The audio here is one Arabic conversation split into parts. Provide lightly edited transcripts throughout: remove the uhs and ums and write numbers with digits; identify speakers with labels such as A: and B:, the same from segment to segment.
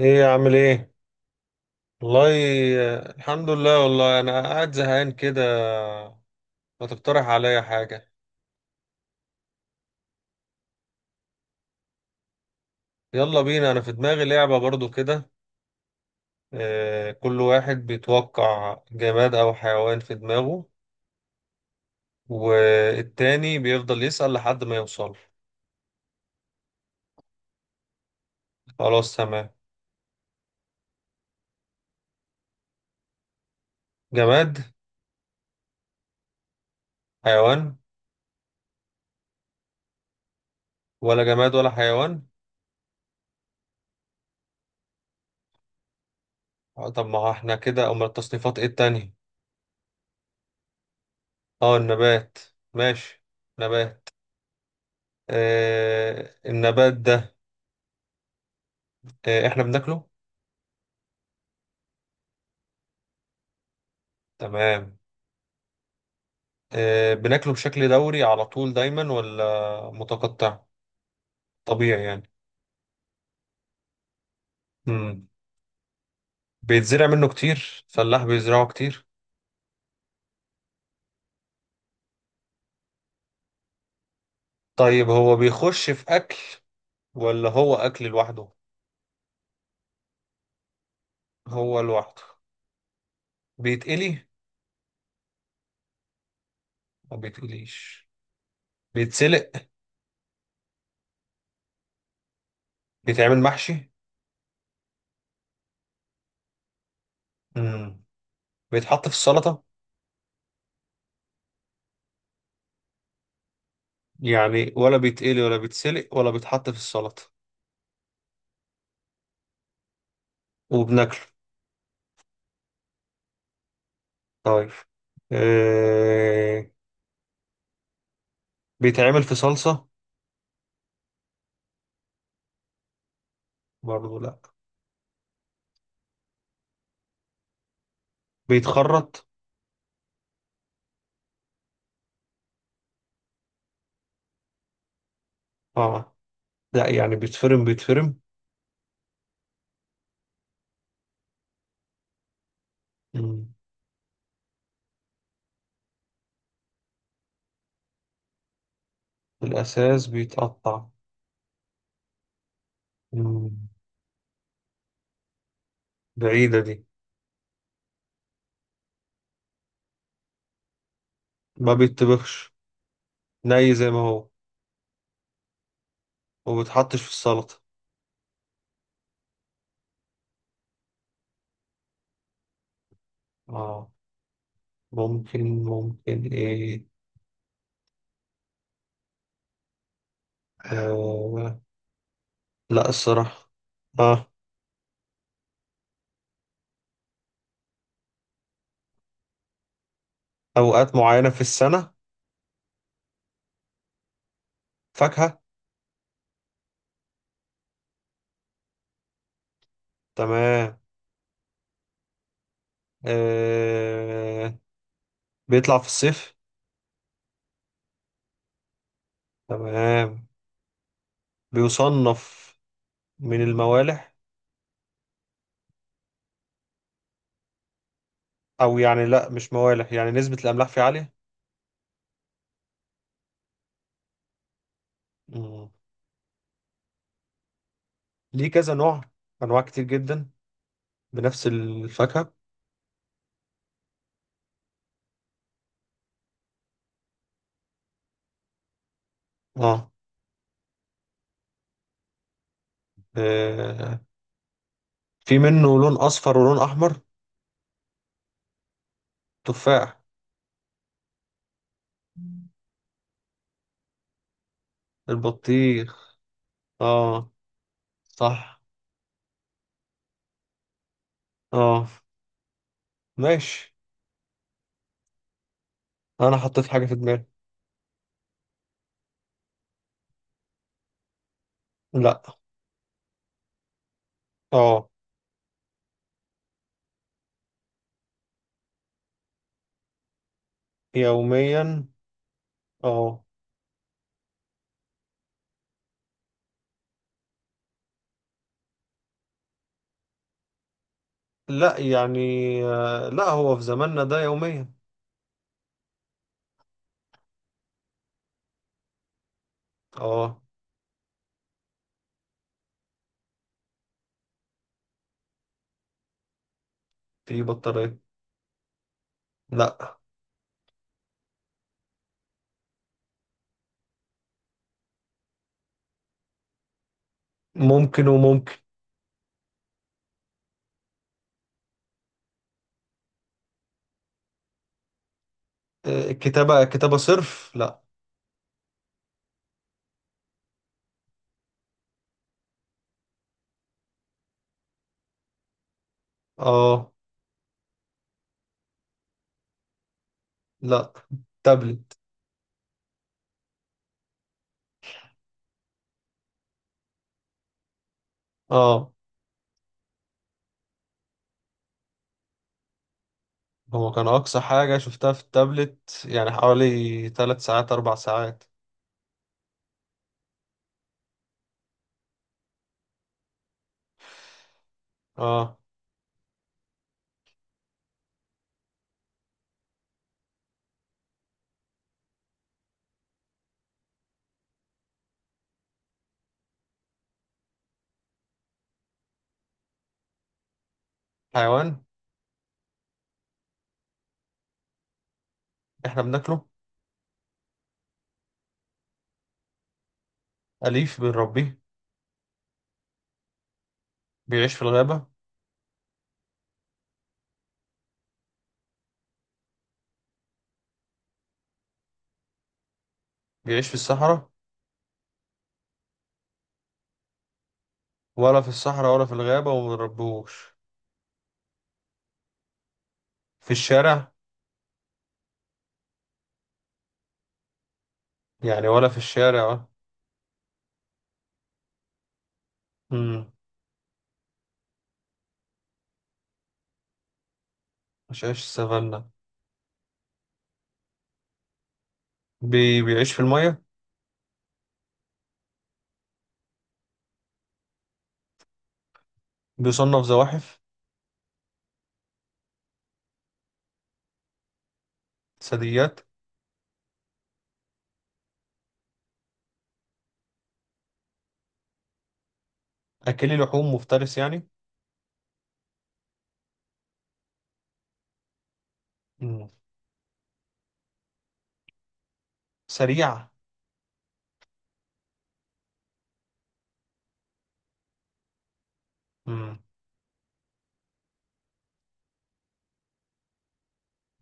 A: ايه عامل ايه؟ والله. آه، الحمد لله، والله انا قاعد زهقان كده. ما تقترح عليا حاجة؟ يلا بينا، انا في دماغي لعبة برضو كده. آه، كل واحد بيتوقع جماد او حيوان في دماغه، والتاني بيفضل يسأل لحد ما يوصل. خلاص تمام. جماد؟ حيوان؟ ولا جماد ولا حيوان؟ آه، طب ما احنا كده امال التصنيفات ايه التانية؟ اه النبات. ماشي. نبات. آه النبات ده. آه احنا بناكله. تمام. آه، بناكله بشكل دوري على طول دايما ولا متقطع؟ طبيعي يعني. مم. بيتزرع منه كتير، فلاح بيزرعه كتير. طيب هو بيخش في أكل ولا هو أكل لوحده؟ هو لوحده. بيتقلي؟ ما بيتقليش. بيتسلق؟ بيتعمل محشي؟ مم. بيتحط في السلطة؟ يعني ولا بيتقلي ولا بيتسلق ولا بيتحط في السلطة. وبناكله. طيب. آه... بيتعمل في صلصة؟ برضه لا. بيتخرط؟ اه. لا يعني بيتفرم بيتفرم. مم. الأساس بيتقطع. مم. بعيدة دي. ما بيتبخش. ني زي ما هو. وما بيتحطش في السلطة. اه. ممكن ممكن ايه. آه. لا الصراحة. اه. أوقات معينة في السنة. فاكهة. تمام. آه. بيطلع في الصيف. تمام. بيصنف من الموالح. أو يعني لا مش موالح، يعني نسبة الأملاح فيه عالية. مم. ليه كذا نوع؟ انواع كتير جدا بنفس الفاكهه. اه. آه، في منه لون اصفر ولون احمر. تفاح؟ البطيخ. اه صح. اه. ماشي. انا حطيت حاجه في دماغي. لا. اه. يوميا. اه. لا يعني. آه، لا هو في زماننا ده يوميا. اه. في بطاريه؟ لا. ممكن وممكن. آه، كتابه كتابه صرف لا. اه. لا. تابلت. اه. هو كان أقصى حاجة شفتها في التابلت يعني حوالي 3 ساعات 4 ساعات. آه. حيوان؟ إحنا بناكله؟ أليف بنربيه؟ بيعيش في الغابة؟ بيعيش في الصحراء؟ ولا في الصحراء ولا في الغابة ومنربيهوش. في الشارع؟ يعني ولا في الشارع. آه. مم، مش عايش في السافانا. بيعيش في المية؟ بيصنف زواحف؟ ثدييات؟ أكلي لحوم مفترس يعني. مم. سريع؟ مم.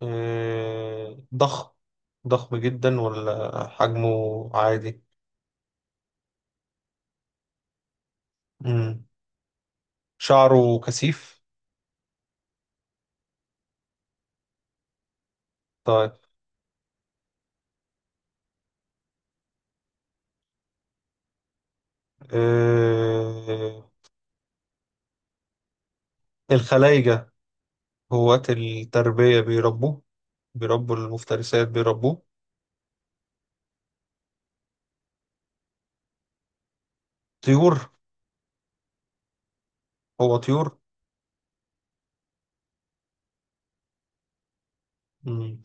A: آه، ضخم. ضخم جدا ولا حجمه عادي؟ مم. شعره كثيف؟ طيب. آه، الخلايجة هواة التربية بيربوه. بيربوا المفترسات بيربوه. طيور؟ هو طيور؟ مم.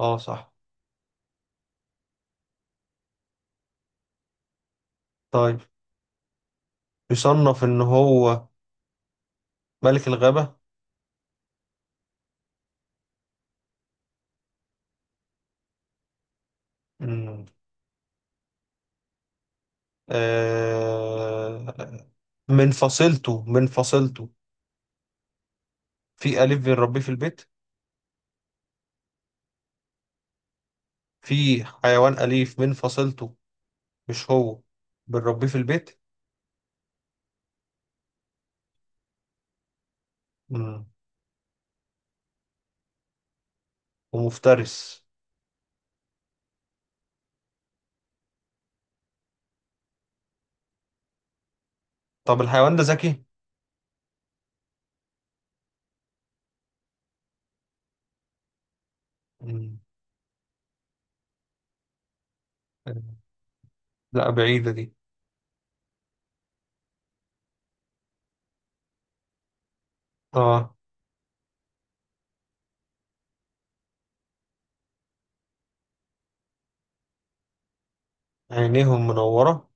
A: اه صح. طيب. يصنف إن هو ملك الغابة؟ مم. آه، من فصيلته في أليف بنربيه في البيت. في حيوان أليف من فصيلته مش هو بنربيه في البيت. مم. ومفترس. طب الحيوان ده ذكي؟ مم. لا بعيدة دي. اه. عينيهم منورة.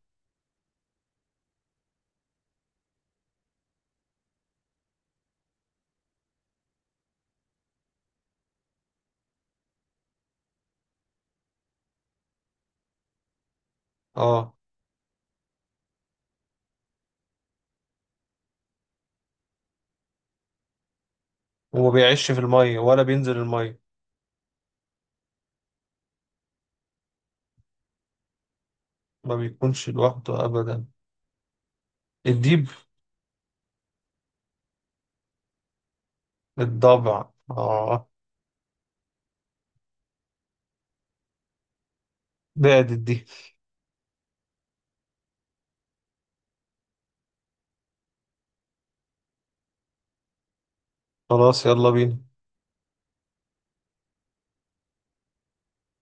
A: اه. وما بيعيش في المية ولا بينزل المية. ما بيكونش لوحده أبدا. الديب؟ الضبع. اه. بعدت دي. خلاص يلا بينا.